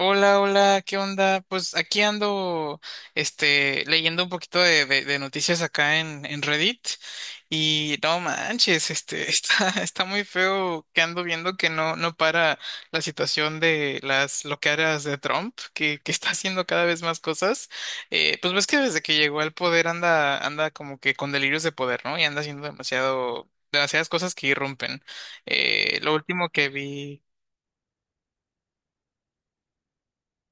Hola, hola, ¿qué onda? Pues aquí ando, leyendo un poquito de noticias acá en Reddit y no manches, está muy feo que ando viendo que no para la situación de las loqueras de Trump, que está haciendo cada vez más cosas. Pues ves que desde que llegó al poder anda como que con delirios de poder, ¿no? Y anda haciendo demasiado, demasiadas cosas que irrumpen. Lo último que vi.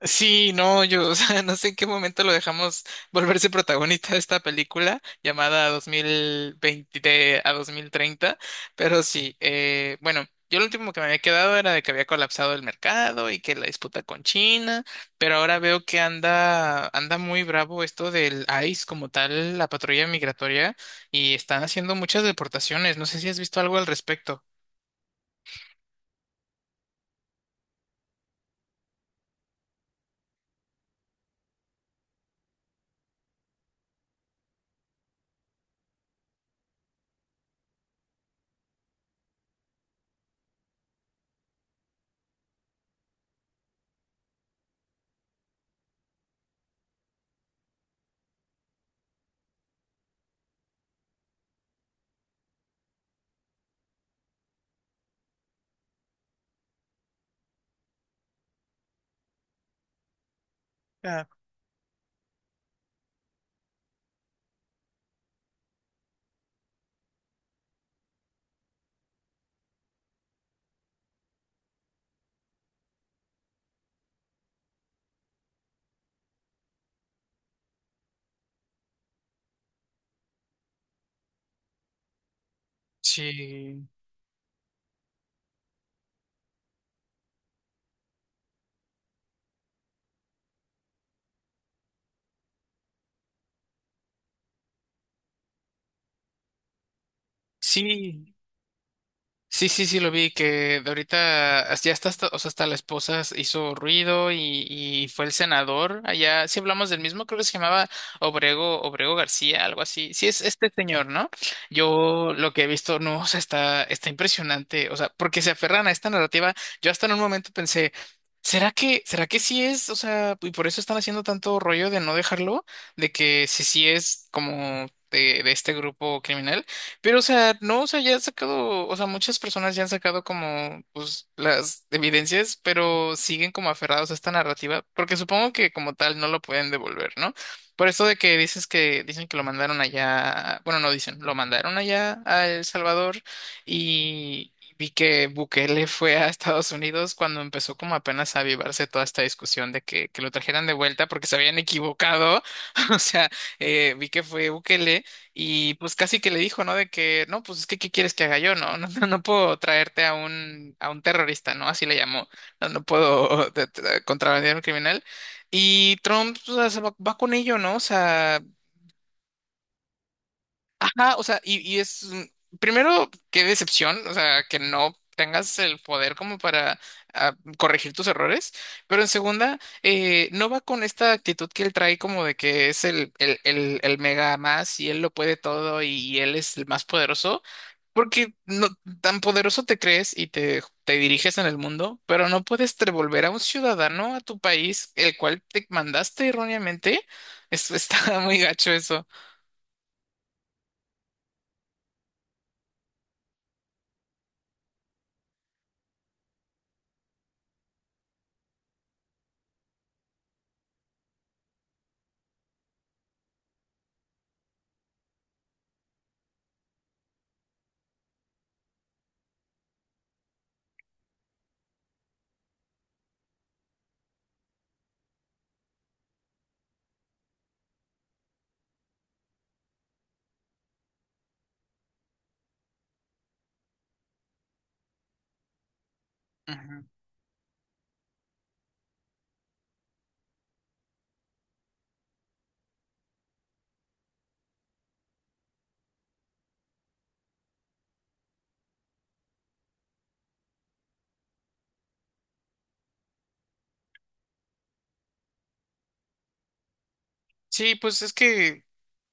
Sí, no, yo, o sea, no sé en qué momento lo dejamos volverse protagonista de esta película llamada 2020 a 2030, pero sí, bueno, yo lo último que me había quedado era de que había colapsado el mercado y que la disputa con China, pero ahora veo que anda muy bravo esto del ICE como tal, la patrulla migratoria, y están haciendo muchas deportaciones, no sé si has visto algo al respecto. Ah, sí, sí. Sí, sí, sí, lo vi, que de ahorita as- ya está, hasta, o sea, hasta la esposa s- hizo ruido y fue el senador allá, si hablamos del mismo, creo que se llamaba Obrego, Obrego García, algo así. Sí, es este señor, ¿no? Yo lo que he visto, no, o sea, está impresionante, o sea, porque se aferran a esta narrativa, yo hasta en un momento pensé, ¿será que sí es? O sea, y por eso están haciendo tanto rollo de no dejarlo, de que si sí es como... De este grupo criminal. Pero, o sea, no, o sea, ya han sacado, o sea, muchas personas ya han sacado como, pues, las evidencias, pero siguen como aferrados a esta narrativa, porque supongo que como tal no lo pueden devolver, ¿no? Por eso de que dices que, dicen que lo mandaron allá, bueno, no dicen, lo mandaron allá a El Salvador y vi que Bukele fue a Estados Unidos cuando empezó como apenas a avivarse toda esta discusión de que lo trajeran de vuelta porque se habían equivocado, o sea, vi que fue Bukele. Y pues casi que le dijo, ¿no? De que, no, pues es que, ¿qué quieres que haga yo? No, no, no, no puedo traerte a un terrorista, ¿no? Así le llamó. No, no puedo contrabandear a un criminal. Y Trump, pues, o sea, se va con ello, ¿no? O sea, ajá, o sea, y es, primero, qué decepción, o sea, que no tengas el poder como para corregir tus errores, pero en segunda, no va con esta actitud que él trae como de que es el mega más y él lo puede todo y él es el más poderoso porque no, tan poderoso te crees y te diriges en el mundo, pero no puedes devolver a un ciudadano a tu país, el cual te mandaste erróneamente. Eso está muy gacho eso. Ujú. Sí, pues es que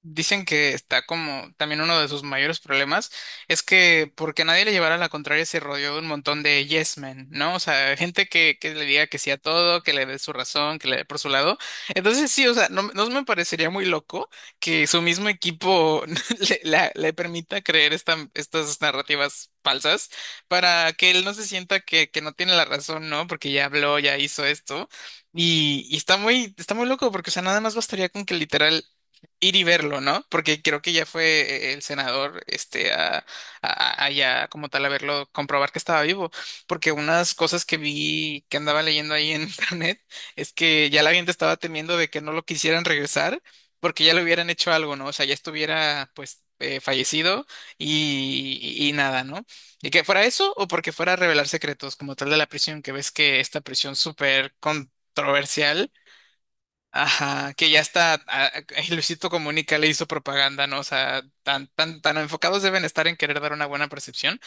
dicen que está como también uno de sus mayores problemas es que porque nadie le llevara la contraria se rodeó de un montón de yes men, ¿no? O sea, gente que le diga que sí a todo, que le dé su razón, que le dé por su lado. Entonces sí, o sea, no, no me parecería muy loco que su mismo equipo le, la- le permita creer estas narrativas falsas para que él no se sienta que no tiene la razón, ¿no? Porque ya habló, ya hizo esto. Y está muy loco porque, o sea, nada más bastaría con que literal ir y verlo, ¿no? Porque creo que ya fue el senador, este, allá como tal a verlo, comprobar que estaba vivo, porque unas cosas que vi, que andaba leyendo ahí en internet, es que ya la gente estaba temiendo de que no lo quisieran regresar, porque ya le hubieran hecho algo, ¿no? O sea, ya estuviera, pues, fallecido y, y nada, ¿no? Y que fuera eso o porque fuera a revelar secretos como tal de la prisión, que ves que esta prisión súper controversial. Ajá, que ya está, Luisito Comunica le hizo propaganda, ¿no? O sea, tan enfocados deben estar en querer dar una buena percepción,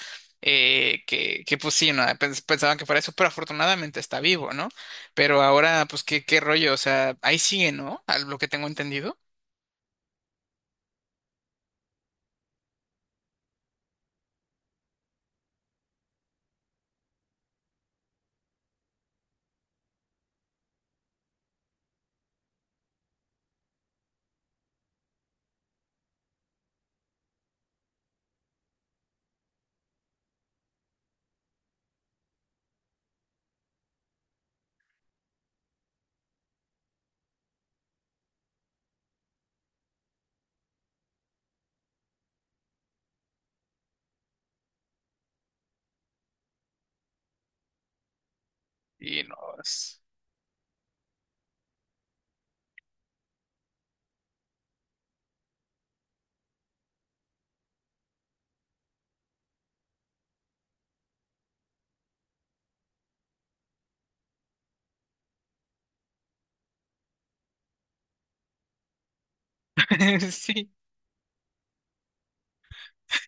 que pues sí, ¿no? Pensaban que fuera eso, pero afortunadamente está vivo, ¿no? Pero ahora, pues, ¿qué, qué rollo? O sea, ahí sigue, ¿no? A lo que tengo entendido. Y no, es- sí.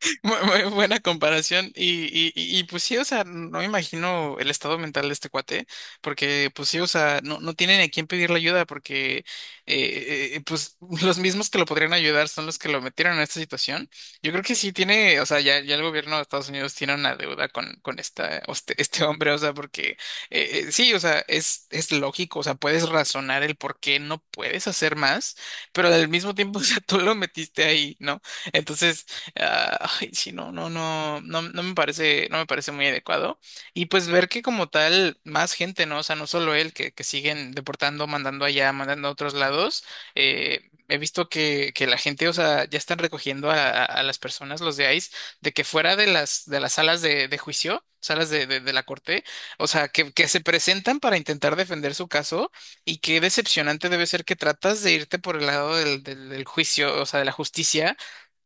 Muy, muy buena comparación. Y pues sí, o sea, no me imagino el estado mental de este cuate, porque pues sí, o sea, no, no tienen a quién pedirle ayuda, porque pues los mismos que lo podrían ayudar son los que lo metieron en esta situación. Yo creo que sí tiene, o sea, ya el gobierno de Estados Unidos tiene una deuda con este hombre, o sea, porque sí, o sea, es lógico, o sea, puedes razonar el por qué no puedes hacer más, pero al mismo tiempo, o sea, tú lo metiste ahí, ¿no? Entonces ah, ay, sí, no, no, no, no, no me parece, no me parece muy adecuado. Y pues ver que como tal, más gente, ¿no? O sea, no solo él, que siguen deportando, mandando allá, mandando a otros lados. Eh, He visto que la gente, o sea, ya están recogiendo a, a las personas, los de ICE, de que fuera de las salas de juicio, salas de de la corte, o sea, que se presentan para intentar defender su caso. Y qué decepcionante debe ser que tratas de irte por el lado del juicio, o sea, de la justicia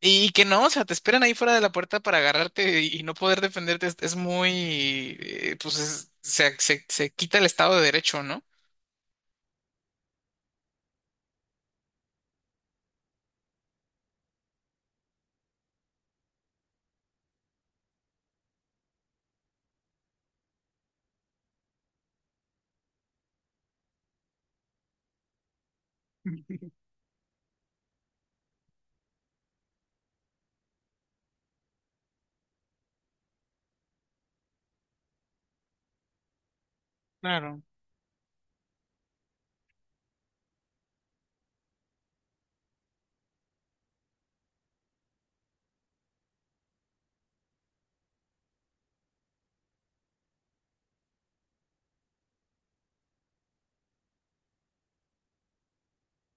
y que no, o sea, te esperan ahí fuera de la puerta para agarrarte y no poder defenderte. Es muy, pues es- se quita el Estado de Derecho, ¿no? Claro.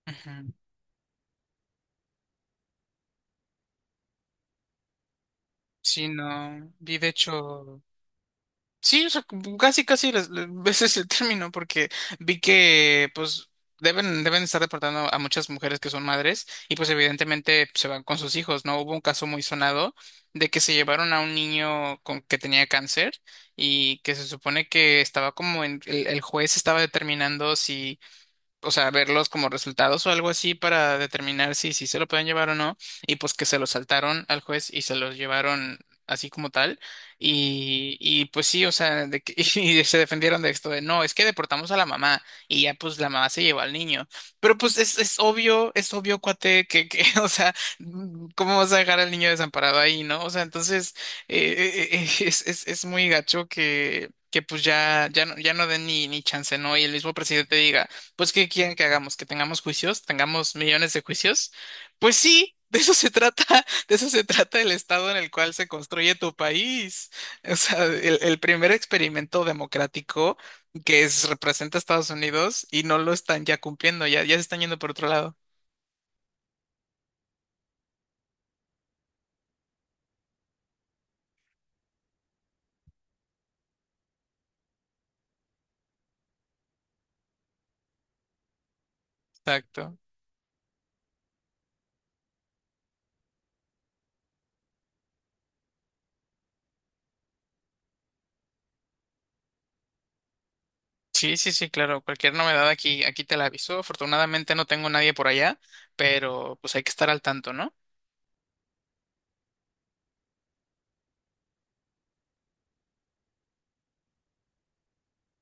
Ujú. Sí, no. Vi de hecho. Sí, o sea, como ese es el término, porque vi que, pues, deben estar deportando a muchas mujeres que son madres y, pues, evidentemente se van con sus hijos, ¿no? Hubo un caso muy sonado de que se llevaron a un niño con, que tenía cáncer y que se supone que estaba como en, el juez estaba determinando si o sea, verlos como resultados o algo así para determinar si, si se lo pueden llevar o no, y pues que se lo saltaron al juez y se los llevaron así como tal, y pues sí, o sea, de que, y se defendieron de esto de, no, es que deportamos a la mamá, y ya pues la mamá se llevó al niño, pero pues es obvio, cuate, que, o sea, ¿cómo vas a dejar al niño desamparado ahí, no? O sea, entonces, es, es muy gacho que... Que pues ya, ya no, ya no den ni, ni chance, ¿no? Y el mismo presidente diga, pues, ¿qué quieren que hagamos? ¿Que tengamos juicios? ¿Tengamos millones de juicios? Pues sí, de eso se trata, de eso se trata el estado en el cual se construye tu país. O sea, el primer experimento democrático que es- representa a Estados Unidos y no lo están ya cumpliendo, ya, ya se están yendo por otro lado. Exacto. Sí, sí, sí, claro. Cualquier novedad aquí, aquí te la aviso. Afortunadamente no tengo nadie por allá, pero pues hay que estar al tanto, ¿no?